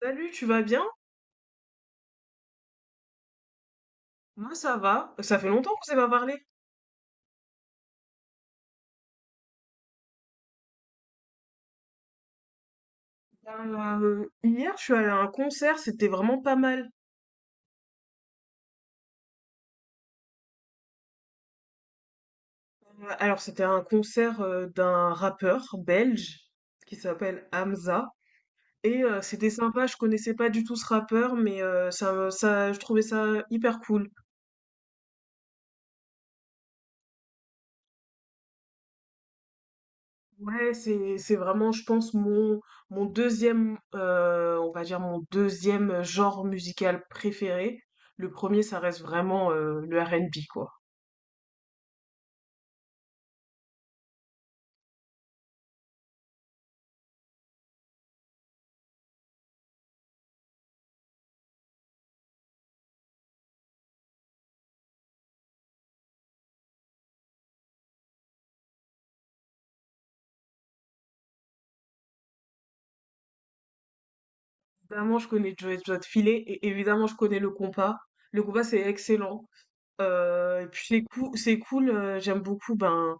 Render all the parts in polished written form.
Salut, tu vas bien? Moi ça va. Ça fait longtemps qu'on s'est pas parlé. Hier, je suis allée à un concert, c'était vraiment pas mal. Alors, c'était un concert d'un rappeur belge qui s'appelle Hamza. Et c'était sympa, je connaissais pas du tout ce rappeur, mais je trouvais ça hyper cool. Ouais, c'est vraiment, je pense, mon deuxième, on va dire mon deuxième genre musical préféré. Le premier, ça reste vraiment le R&B, quoi. Évidemment, je connais Joe Filet et évidemment, je connais le compas. Le compas, c'est excellent. Et puis, c'est cool. J'aime beaucoup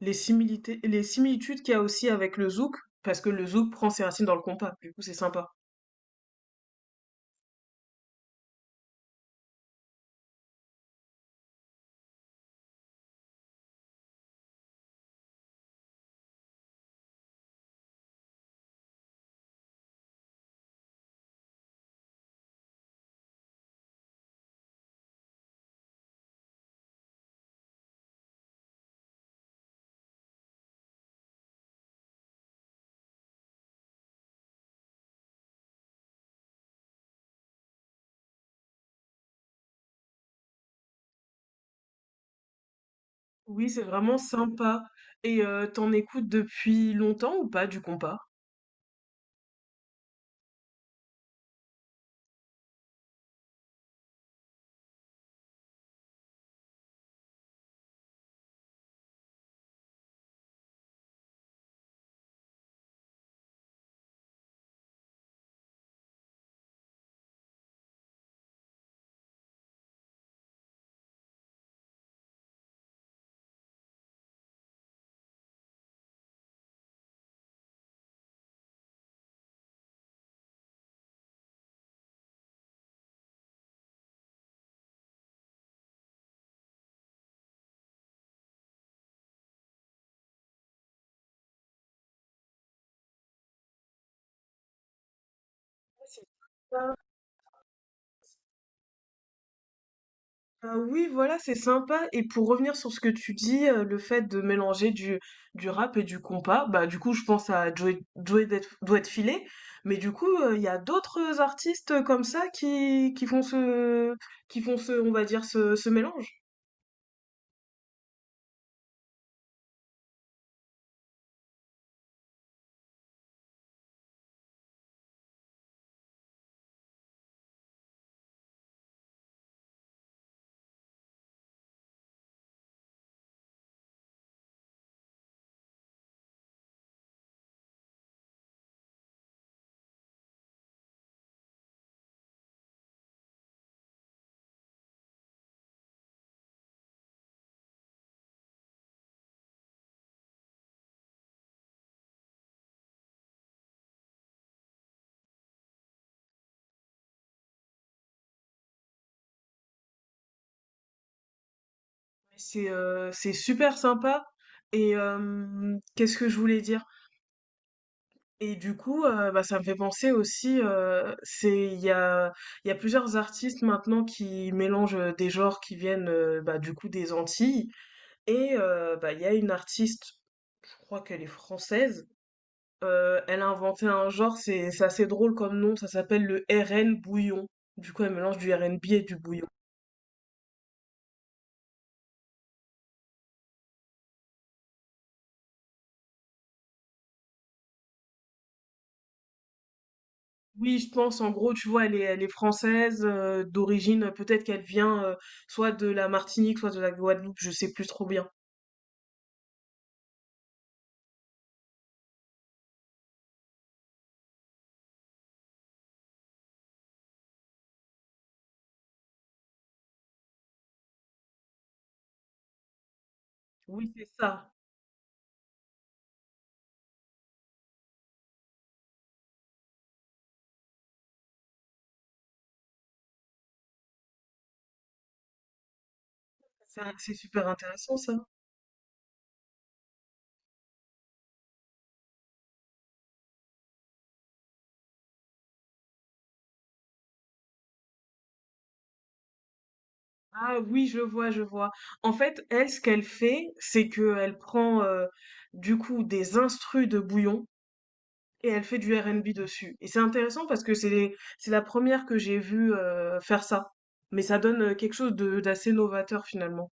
les similitudes qu'il y a aussi avec le zouk, parce que le zouk prend ses racines dans le compas. Du coup, c'est sympa. Oui, c'est vraiment sympa. Et t'en écoutes depuis longtemps ou pas du compas? Bah, oui, voilà, c'est sympa. Et pour revenir sur ce que tu dis, le fait de mélanger du rap et du compas, bah du coup je pense à Doit Filé, mais du coup il y a d'autres artistes comme ça qui font ce on va dire ce mélange. C'est super sympa. Et qu'est-ce que je voulais dire? Et du coup, ça me fait penser aussi, c'est il y a plusieurs artistes maintenant qui mélangent, des genres qui viennent, du coup des Antilles et bah, il y a une artiste, je crois qu'elle est française, elle a inventé un genre, c'est assez drôle comme nom, ça s'appelle le RN bouillon. Du coup, elle mélange du RnB et du bouillon. Oui, je pense, en gros, tu vois, elle est française, d'origine, peut-être qu'elle vient, soit de la Martinique, soit de la Guadeloupe, je sais plus trop bien. Oui, c'est ça. Ça, c'est super intéressant ça. Ah oui, je vois, je vois. En fait, elle, ce qu'elle fait, c'est que elle prend du coup des instrus de bouillon et elle fait du R&B dessus. Et c'est intéressant parce que c'est la première que j'ai vue faire ça. Mais ça donne quelque chose de d'assez novateur finalement.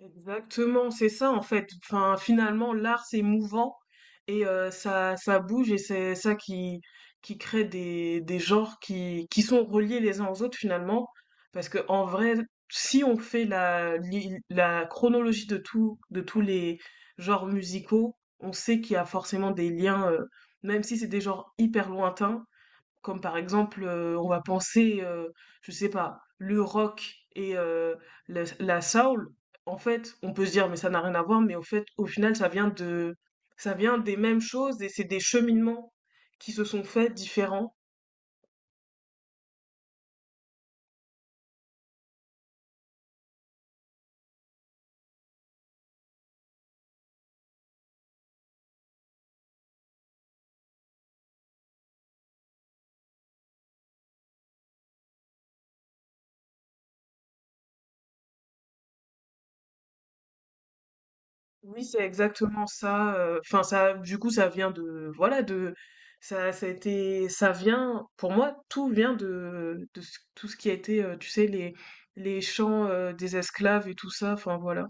Exactement, c'est ça en fait. Enfin, finalement, l'art c'est mouvant et ça bouge et c'est ça qui crée des genres qui sont reliés les uns aux autres finalement. Parce que en vrai, si on fait la chronologie de tout de tous les genres musicaux, on sait qu'il y a forcément des liens, même si c'est des genres hyper lointains. Comme par exemple, on va penser, je sais pas, le rock et la soul. En fait, on peut se dire, mais ça n'a rien à voir, mais au fait, au final, ça vient des mêmes choses et c'est des cheminements qui se sont faits différents. Oui, c'est exactement ça. Enfin, du coup, ça vient de, voilà, de, ça vient, pour moi, tout vient tout ce qui a été, tu sais, les chants des esclaves et tout ça. Enfin, voilà.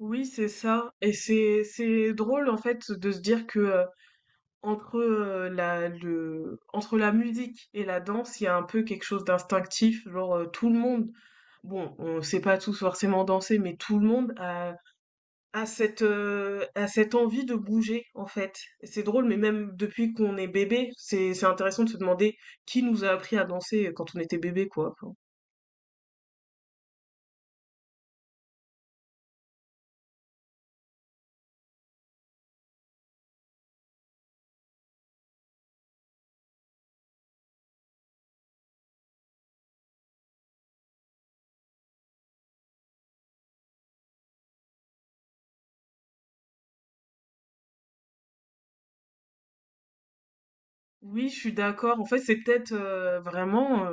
Oui, c'est ça et c'est drôle en fait de se dire que, entre la musique et la danse, il y a un peu quelque chose d'instinctif, genre, tout le monde, bon, on sait pas tous forcément danser, mais tout le monde a cette envie de bouger en fait. Et c'est drôle, mais même depuis qu'on est bébé, c'est intéressant de se demander qui nous a appris à danser, quand on était bébé quoi, enfin. Oui, je suis d'accord. En fait, c'est peut-être, vraiment,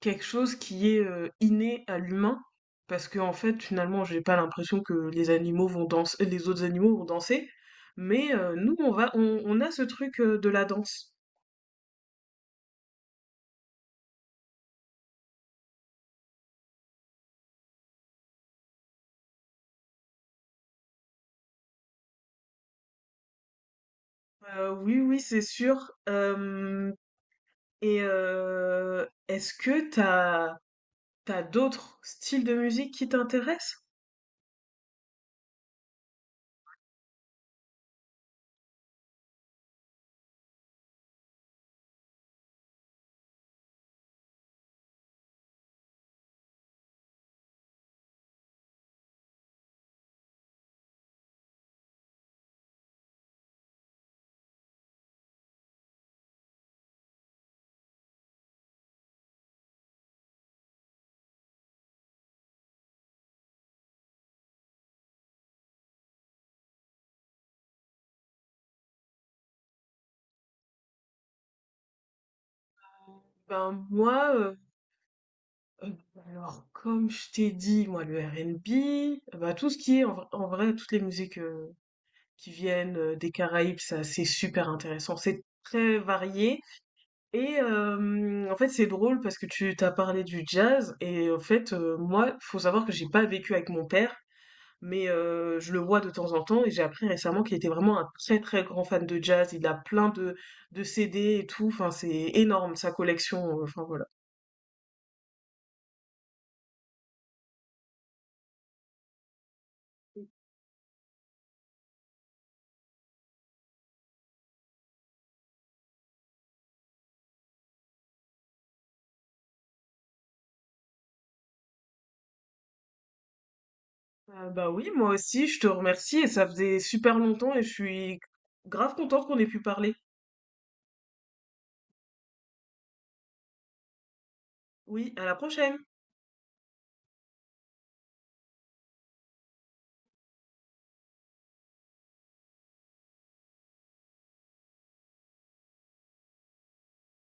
quelque chose qui est, inné à l'humain, parce que en fait, finalement, j'ai pas l'impression que les autres animaux vont danser, mais nous, on a ce truc, de la danse. Oui, oui, c'est sûr, hem, et est-ce que t'as d'autres styles de musique qui t'intéressent? Ben, heu, alors, comme je t'ai dit, moi, le R&B, bah, tout ce qui est en vrai, toutes les musiques, qui viennent des Caraïbes, ça c'est super intéressant. C'est très varié et en fait c'est drôle parce que tu t'as parlé du jazz et en fait moi faut savoir que j'ai pas vécu avec mon père mais je le vois de temps en temps et j'ai appris récemment qu'il était vraiment un très très grand fan de jazz. Il a plein de CD et tout. Enfin c'est énorme sa collection. Enfin voilà. Bah oui moi aussi je te remercie et ça faisait super longtemps et je suis grave contente qu'on ait pu parler. Oui, à la prochaine.